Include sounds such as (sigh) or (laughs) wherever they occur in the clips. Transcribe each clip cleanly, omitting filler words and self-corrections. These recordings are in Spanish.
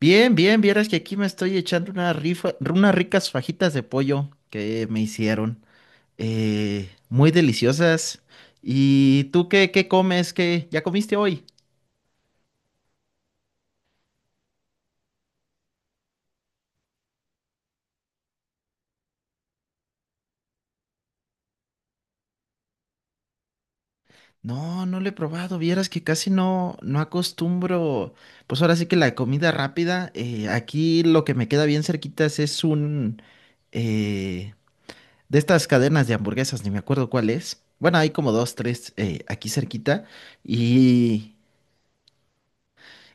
Bien, bien, vieras que aquí me estoy echando una rifa, unas ricas fajitas de pollo que me hicieron. Muy deliciosas. ¿Y tú qué, qué comes? ¿Qué ya comiste hoy? No, no lo he probado. Vieras que casi no, no acostumbro. Pues ahora sí que la comida rápida. Aquí lo que me queda bien cerquitas es un eh, de estas cadenas de hamburguesas, ni me acuerdo cuál es. Bueno, hay como dos, tres aquí cerquita. Y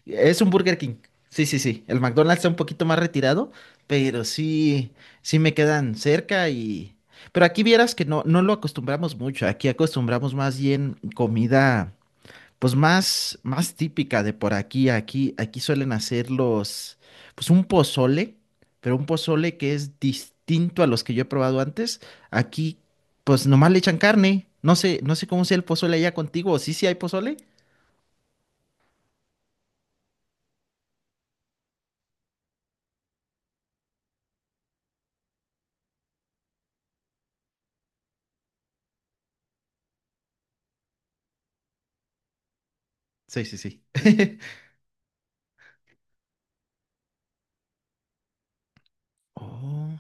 es un Burger King. Sí, sí, sí. El McDonald's está un poquito más retirado, pero sí, sí me quedan cerca y... Pero aquí vieras que no, no lo acostumbramos mucho. Aquí acostumbramos más bien comida, pues más, más típica de por aquí. Aquí, aquí suelen hacer los, pues un pozole, pero un pozole que es distinto a los que yo he probado antes. Aquí, pues nomás le echan carne. No sé, no sé cómo sea el pozole allá contigo. ¿Sí, sí hay pozole? Sí, sí, sí. (laughs) Oh.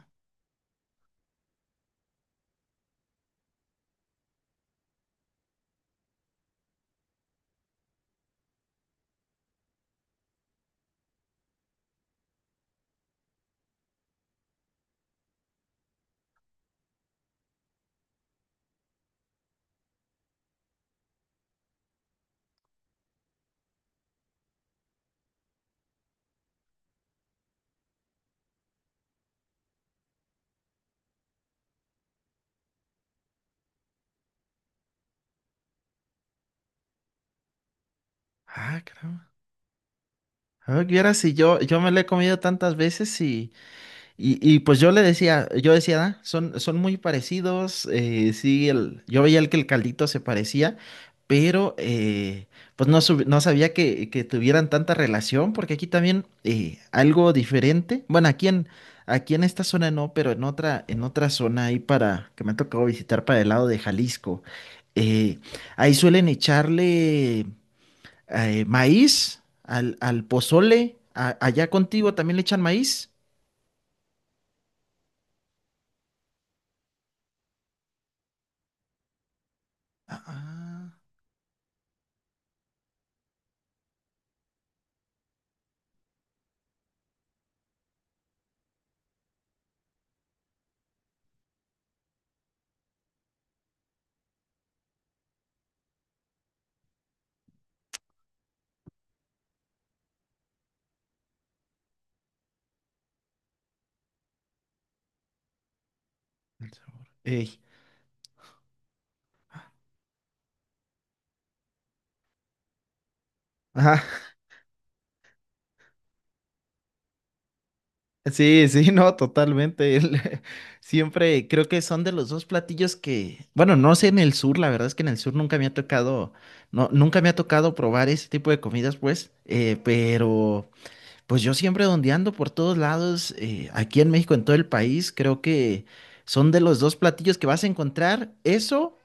Ah, caramba. Ah, vieras si yo, yo me lo he comido tantas veces y pues yo le decía, yo decía, "Ah, son, son muy parecidos, sí, el, yo veía el que el caldito se parecía, pero pues no, no sabía que tuvieran tanta relación, porque aquí también algo diferente, bueno, aquí en, aquí en esta zona no, pero en otra zona ahí para, que me ha tocado visitar para el lado de Jalisco, eh, ahí suelen echarle maíz, al, al pozole. Allá contigo también le echan maíz. Ah, ah, el sabor. Ey. Ajá, (laughs) sí, sí, no, totalmente. (laughs) Siempre creo que son de los dos platillos que, bueno, no sé en el sur, la verdad es que en el sur nunca me ha tocado, no, nunca me ha tocado probar ese tipo de comidas, pues, pero pues yo siempre dondeando por todos lados, aquí en México, en todo el país, creo que son de los dos platillos que vas a encontrar. Eso,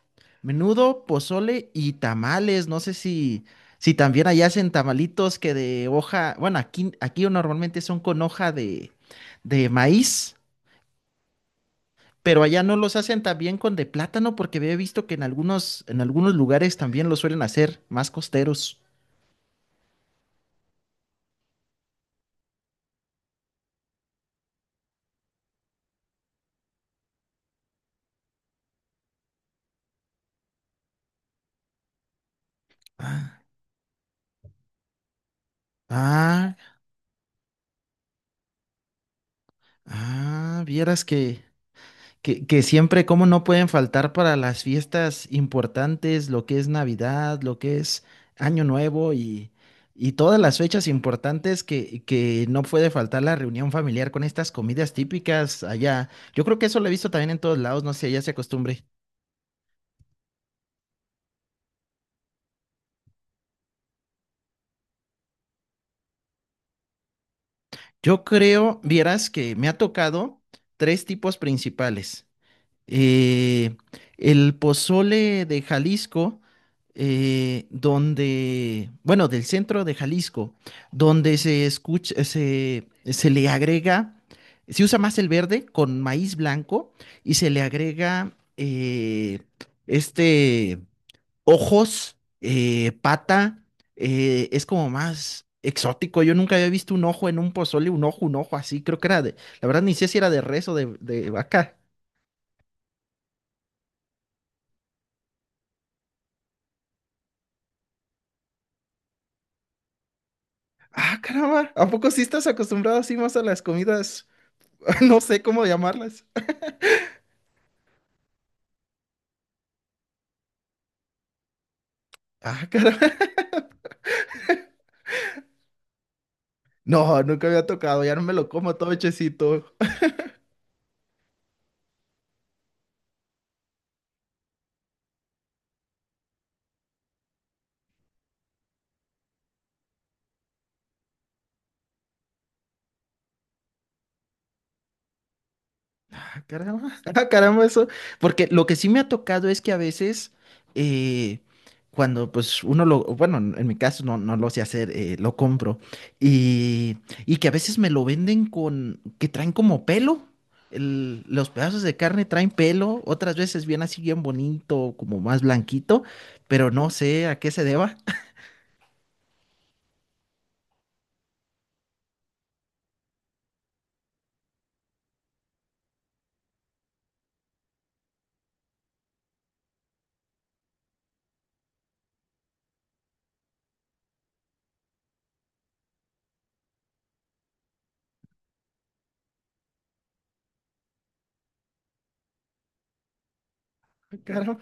menudo, pozole y tamales. No sé si, si también allá hacen tamalitos que de hoja, bueno, aquí, aquí normalmente son con hoja de maíz, pero allá no los hacen también con de plátano porque había visto que en algunos lugares también lo suelen hacer, más costeros. Ah, ah, ah, vieras que... que siempre, como no pueden faltar para las fiestas importantes, lo que es Navidad, lo que es Año Nuevo y todas las fechas importantes que no puede faltar la reunión familiar con estas comidas típicas allá. Yo creo que eso lo he visto también en todos lados, no sé, ya se acostumbre. Yo creo, vieras que me ha tocado 3 tipos principales. eh, el pozole de Jalisco, donde, bueno, del centro de Jalisco, donde se escucha, se le agrega, se usa más el verde con maíz blanco y se le agrega este ojos, pata, es como más exótico. Yo nunca había visto un ojo en un pozole, un ojo así, creo que era de, la verdad ni sé si era de res o de vaca. Ah, caramba. ¿A poco sí estás acostumbrado así más a las comidas? (laughs) No sé cómo llamarlas. Ah, caramba. (laughs) No, nunca había tocado. Ya no me lo como todo hechecito. Ah, caramba, (laughs) ah, caramba, eso. Porque lo que sí me ha tocado es que a veces, eh, cuando pues uno lo, bueno, en mi caso no, no lo sé hacer, lo compro. Y, y que a veces me lo venden con, que traen como pelo. Los pedazos de carne traen pelo, otras veces bien así, bien bonito, como más blanquito, pero no sé a qué se deba. (laughs) Ah, caramba.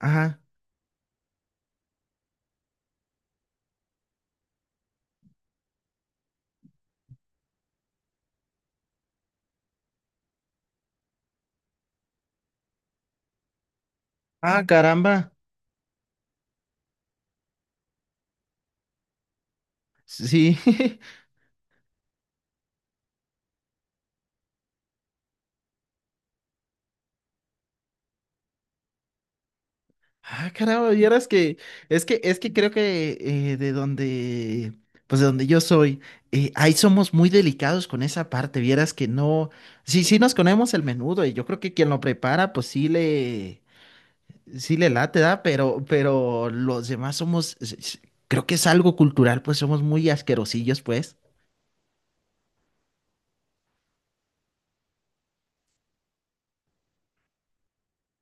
Ajá. Ah, caramba. Sí. (laughs) Ah, caramba, vieras que es que creo que de donde pues de donde yo soy, ahí somos muy delicados con esa parte, vieras que no, sí, sí nos comemos el menudo y yo creo que quien lo prepara pues sí le late, da, pero los demás somos creo que es algo cultural, pues somos muy asquerosillos, pues.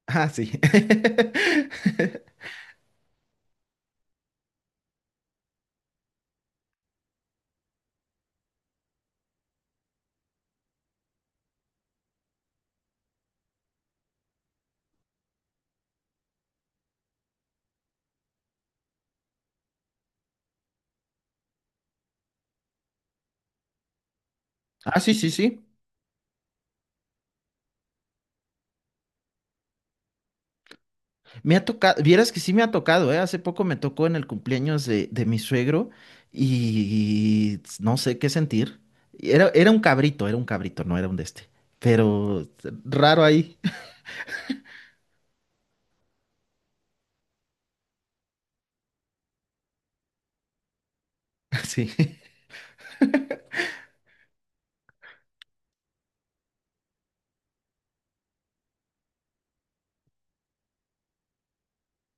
Ah, sí. (laughs) Ah, sí, sí, sí. Me ha tocado, vieras que sí me ha tocado, ¿eh? Hace poco me tocó en el cumpleaños de mi suegro y no sé qué sentir. Era, era un cabrito, no era un de este. Pero raro ahí. (laughs) Sí,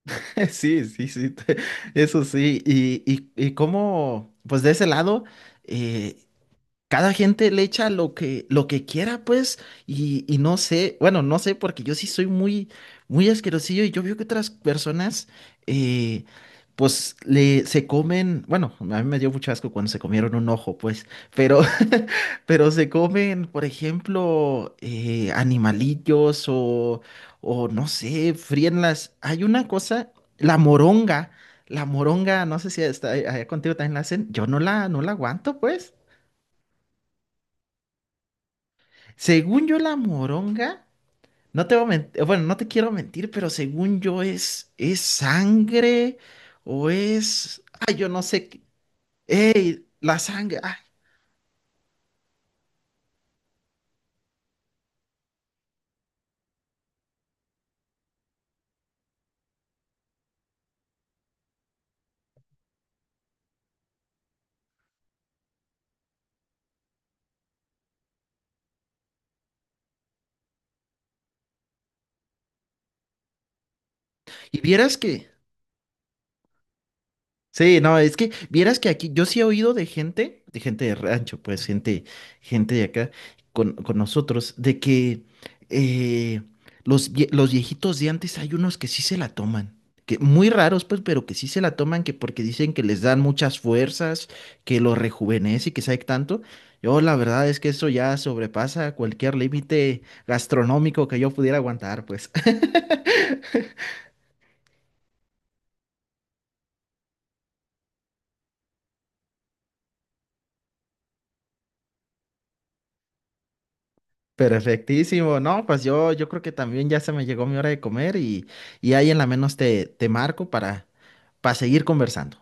(laughs) sí, sí, sí, (laughs) eso sí. Y cómo, pues de ese lado, eh, cada gente le echa lo que quiera, pues, y no sé, bueno, no sé, porque yo sí soy muy, muy asquerosillo y yo veo que otras personas, eh, pues, le, se comen, bueno, a mí me dio mucho asco cuando se comieron un ojo, pues, pero, (laughs) pero se comen, por ejemplo, animalillos o no sé, fríen las, hay una cosa, la moronga. La moronga, no sé si está allá contigo también la hacen. Yo no la, no la aguanto, pues. Según yo, la moronga, no te voy a mentir, bueno, no te quiero mentir, pero según yo es sangre o es, ay, yo no sé, qué... Ey, la sangre, ay, y vieras que sí, no, es que vieras que aquí yo sí he oído de gente, de gente de rancho, pues gente, gente de acá con nosotros, de que eh, los, los viejitos de antes hay unos que sí se la toman, que muy raros pues, pero que sí se la toman, que porque dicen que les dan muchas fuerzas, que los rejuvenece y que sabe tanto. Yo la verdad es que eso ya sobrepasa cualquier límite gastronómico que yo pudiera aguantar, pues. (laughs) Perfectísimo, no, pues yo creo que también ya se me llegó mi hora de comer y ahí en la menos te, te marco para seguir conversando.